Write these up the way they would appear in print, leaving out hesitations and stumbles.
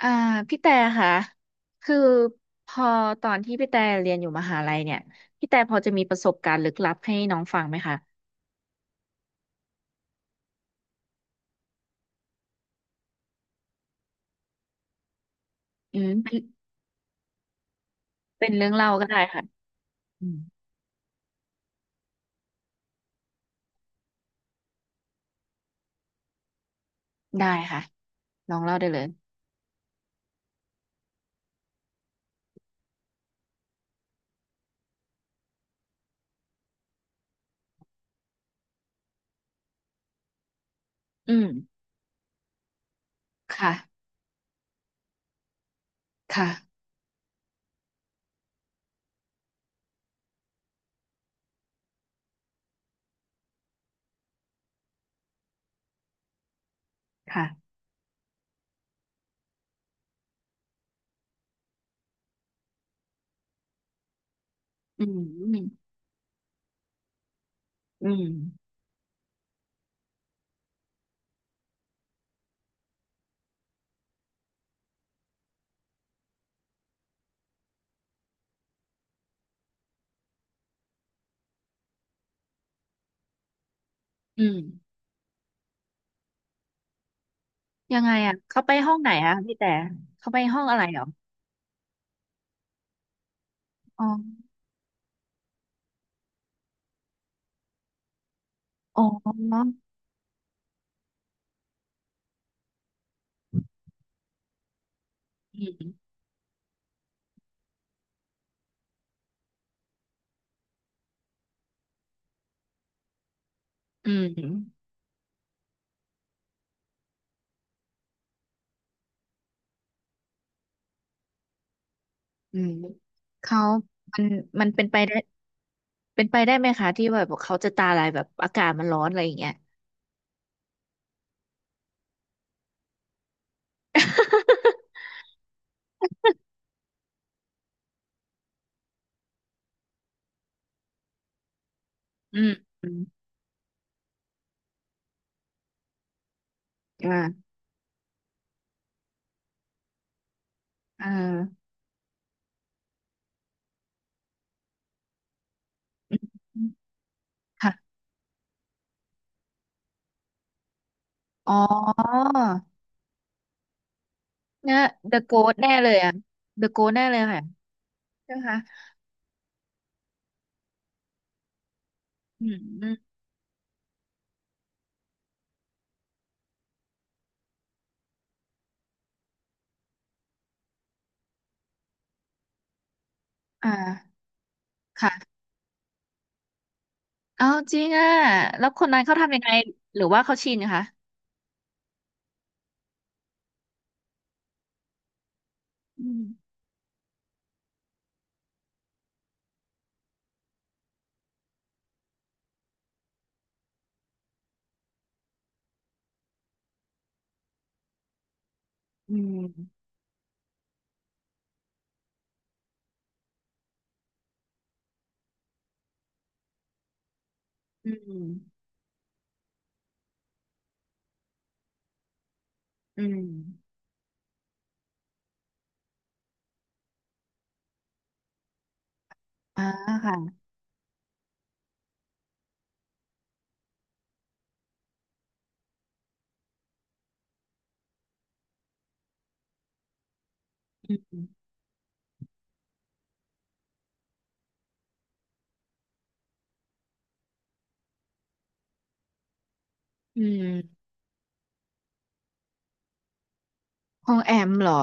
อ่าพี่แต่ค่ะคือพอตอนที่พี่แต่เรียนอยู่มหาลัยเนี่ยพี่แต่พอจะมีประสบการณ์ลึกลับให้น้องฟังไหมคะอืมเป็นเรื่องเล่าก็ได้ค่ะอืมได้ค่ะลองเล่าได้เลยอืมค่ะค่ะค่ะอืมอืมอืมยังไงอ่ะเขาไปห้องไหนอ่ะพี่แต่เขาไปห้องอะไรเหรออ๋ออ๋ออืมอืมอืมเขามันมันเป็นไปได้ เป็นไปได้ไหมคะที่แบบเขาจะตาลายแบบอากาศมันร้อนอะไรอย่างเงี้ย อืมอืมอ่าอ่าค่ะอ๋อเนี่ยเดอะโกสแน่เลยอ่ะเดอะโกสแน่เลยค่ะใช่ไหมคะอืมอืมอ่าค่ะเอาจริงอ่ะแล้วคนนั้นเขาทำยังไงหรือว่าเขาชินคะอืมอืมอืมอืมอ่าค่ะอืมอืมของแอมเหรอ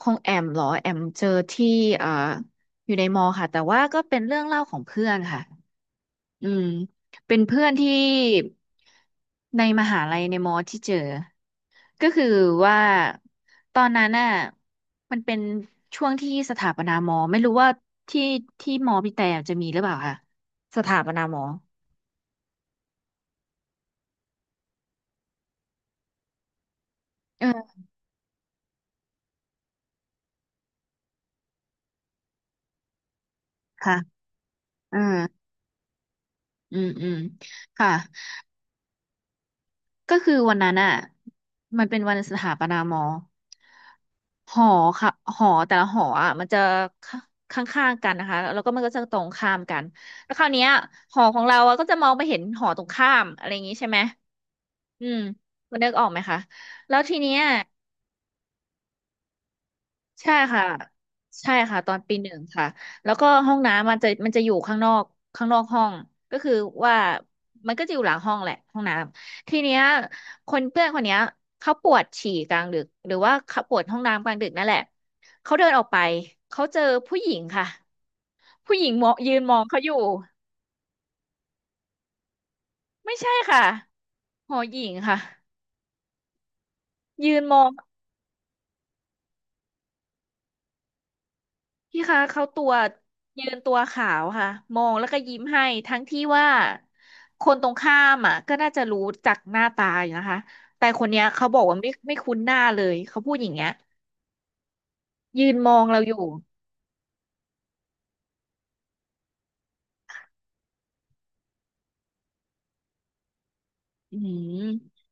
ของแอมเหรอแอมเจอที่เอ่ออยู่ในมอค่ะแต่ว่าก็เป็นเรื่องเล่าของเพื่อนค่ะอืมเป็นเพื่อนที่ในมหาลัยในมอที่เจอก็คือว่าตอนนั้นน่ะมันเป็นช่วงที่สถาปนามอไม่รู้ว่าที่มอพี่แต่จะมีหรือเปล่าค่ะสถาปนามอเออค่ะเอออืมอืมค่ะ ก็คือวันนั้นอ่ะมันเป็นวันสถาปนามอหอค่ะหอแต่ละหออ่ะมันจะข้างข้างๆกันนะคะแล้วก็มันก็จะตรงข้ามกันแล้วคราวเนี้ยหอของเราอ่ะก็จะมองไปเห็นหอตรงข้ามอะไรอย่างงี้ใช่ไหมอืมคุณนึกออกไหมคะแล้วทีเนี้ย ใช่ค่ะใช่ค่ะตอนปีหนึ่งค่ะแล้วก็ห้องน้ำมันจะอยู่ข้างนอกข้างนอกห้องก็คือว่ามันก็จะอยู่หลังห้องแหละห้องน้ำทีเนี้ยคนเพื่อนคนเนี้ยเขาปวดฉี่กลางดึกหรือว่าเขาปวดห้องน้ำกลางดึกนั่นแหละเขาเดินออกไปเขาเจอผู้หญิงค่ะผู้หญิงมองยืนมองเขาอยู่ไม่ใช่ค่ะหอหญิงค่ะยืนมอง พี่คะเขาตัวยืนตัวขาวค่ะมองแล้วก็ยิ้มให้ทั้งที่ว่าคนตรงข้ามอ่ะก็น่าจะรู้จักหน้าตาอยู่นะคะแต่คนเนี้ยเขาบอกว่าไม่คุ้นหน้าเลยเขาพูดอย่างเงี้ยยืนมองเราอยู่อืม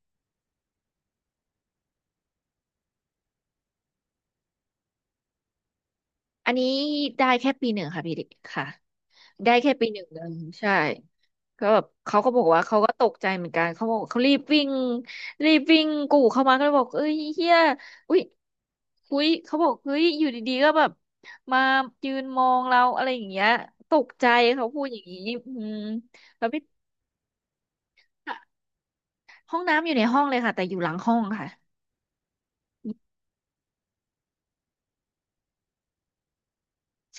อันนี้ได้แค่ปีหนึ่งค่ะพี่เด็กค่ะ ได้แค่ปีหนึ่งเองใช่ก็แบบเขาก็บอกว่าเขาก็ตกใจเหมือนกันเขาบอกเขารีบวิ่งรีบวิ่งกูเข้ามาก็เลยบอกเอ้ยเฮียอุ้ยอุ้ยเขาบอกเฮ้ยอยู่ดีๆก็แบบมายืนมองเราอะไรอย่างเงี้ยตกใจเขาพูดอย่างนี้อืมแล้วไม่ห้องน้ำอยู่ในห้องเลยค่ะแต่อยู่หลังห้องค่ะ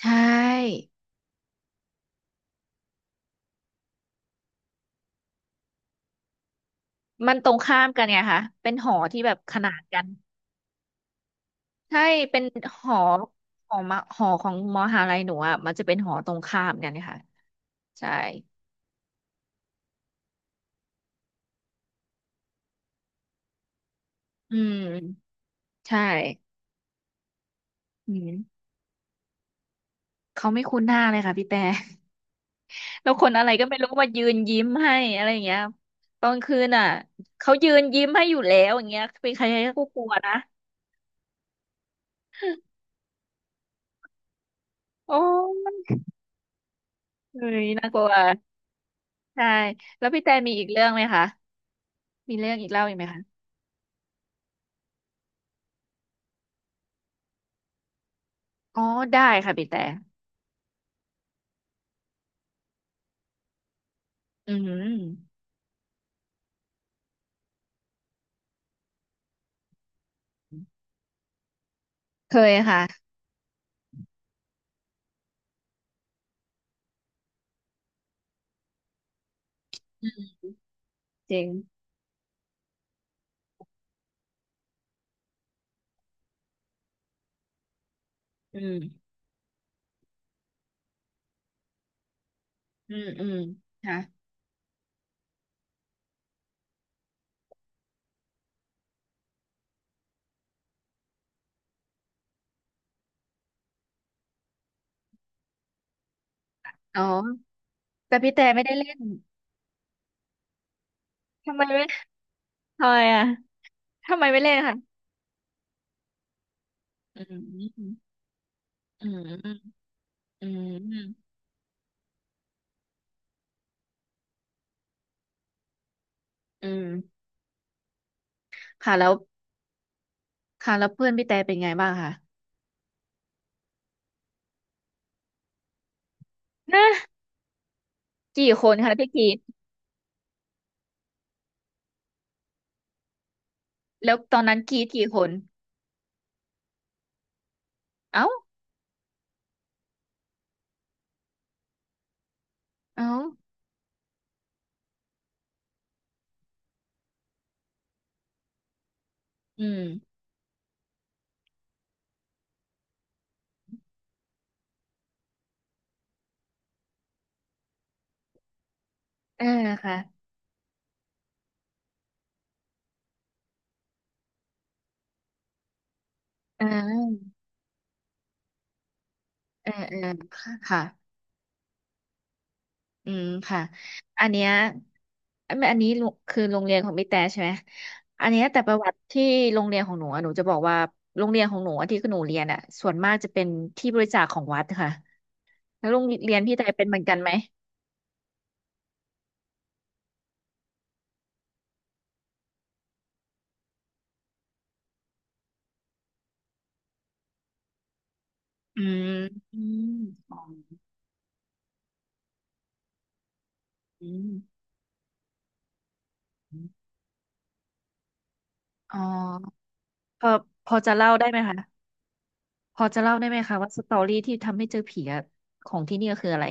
ใช่มันตรงข้ามกันไงคะเป็นหอที่แบบขนานกัน ใช่เป็นหอหอมาหอของมหาลัยหนูอ่ะมันจะเป็นหอตรงข้ามกันค่ะใช่อืมใช่อืมเขาไม่คุ้นหน้าเลยค่ะพี่แต่ แล้วคนอะไรก็ไม่รู้มายืนยิ้มให้อะไรอย่างเงี้ยตอนคืนอ่ะเขายืนยิ้มให้อยู่แล้วอย่างเงี้ยเป็นใครๆก็กลัวนะโอ้เฮ้ยน่ากลัวใช่แล้วพี่แต่มีอีกเรื่องไหมคะมีเรื่องอีกเล่าอีกไหมคะอ๋อได้ค่ะพี่แต่อืมเคยค่ะจริงอืม อืมอืมค่ะอ๋อแต่พี่แต่ไม่ได้เล่นทำไมไม่ทำไมอ่ะทำไมไม่เล่นค่ะอืมอืมอืมอืมอืมค่ะแล้วค่ะแล้วเพื่อนพี่แต่เป็นไงบ้างคะนะกี่คนคะพี่กรีดแล้วตอนนั้นกรีดกี่คนเอ้าเอ้าอืมเออค่ะเออเออเออค่ะค่ะ อืมค่ะอันเนี้ยอันนี้ลุคือโรงเรียนของพี่แต่ใช่ไหม อันเนี้ยแต่ประวัติที่โรงเรียนของหนูอะหนูจะบอกว่าโรงเรียนของหนูอะที่หนูเรียนอ่ะส่วนมากจะเป็นที่บริจาคของวัดค่ะแล้วโรงเรียนพี่แต่เป็นเหมือนกันไหม อืมอืมอ๋ออืมอมอ๋อพอพอจะเล่าได้ไหมคะพอจะเล่าได้ไหมคะว่าสตอรี่ที่ทำให้เจอผีอะของที่นี่ก็คืออะไร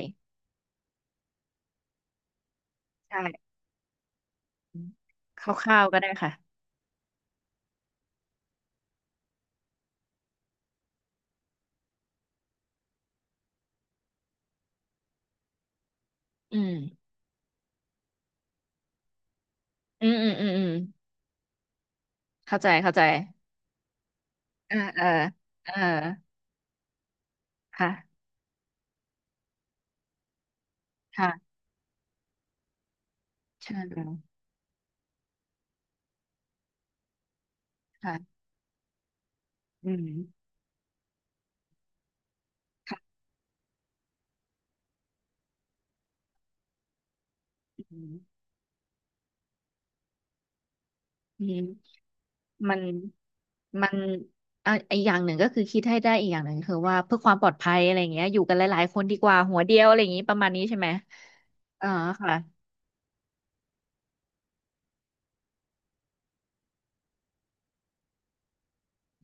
ใช่อืมคร่าวๆก็ได้ค่ะอืมอืมอืมอืมอืมเข้าใจเข้าใจ เออเออเออค่ะค่ะเชิญเลยค่ะอืมค่ะอืมอืมมันมันอ่ะอีกอย่างหนึ่งก็คือคิดให้ได้อีกอย่างหนึ่งคือว่าเพื่อความปลอดภัยอะไรอย่างเงี้ยอยู่กันหลายๆคนดีกว่าหัวเดียวอะไรอย่างงี้ประมาณนี้ใช่ไหมเออค่ะ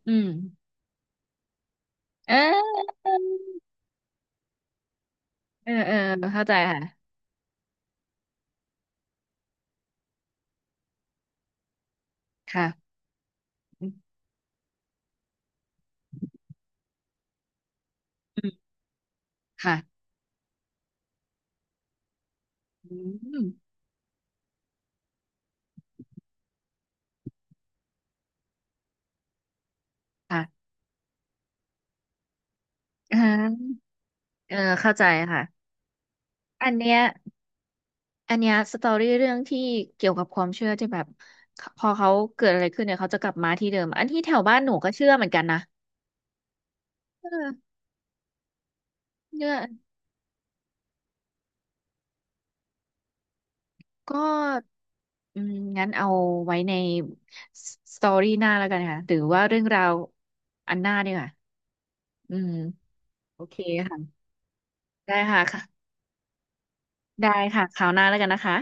อืมเออเออเออเข้าใจค่ะค่ะอืมอืมค่ะอืมค่ะอ่าเออเข้าใจค่ะอันเนี้ย อันเนี้ยสตอรี่เรื่องที่เกี่ยวกับความเชื่อที่แบบพอเขาเกิดอะไรขึ้นเนี่ยเขาจะกลับมาที่เดิมอันที่แถวบ้านหนูก็เชื่อเหมือนกันนะเออเนี่ยก็อืมงั้นเอาไว้ในสตอรี่หน้าแล้วกันค่ะหรือว่าเรื่องราวอันหน้าดีกว่าอืมโอเคค่ะได้ค่ะค่ะได้ค่ะคราวหน้าแล้วกันนะคะ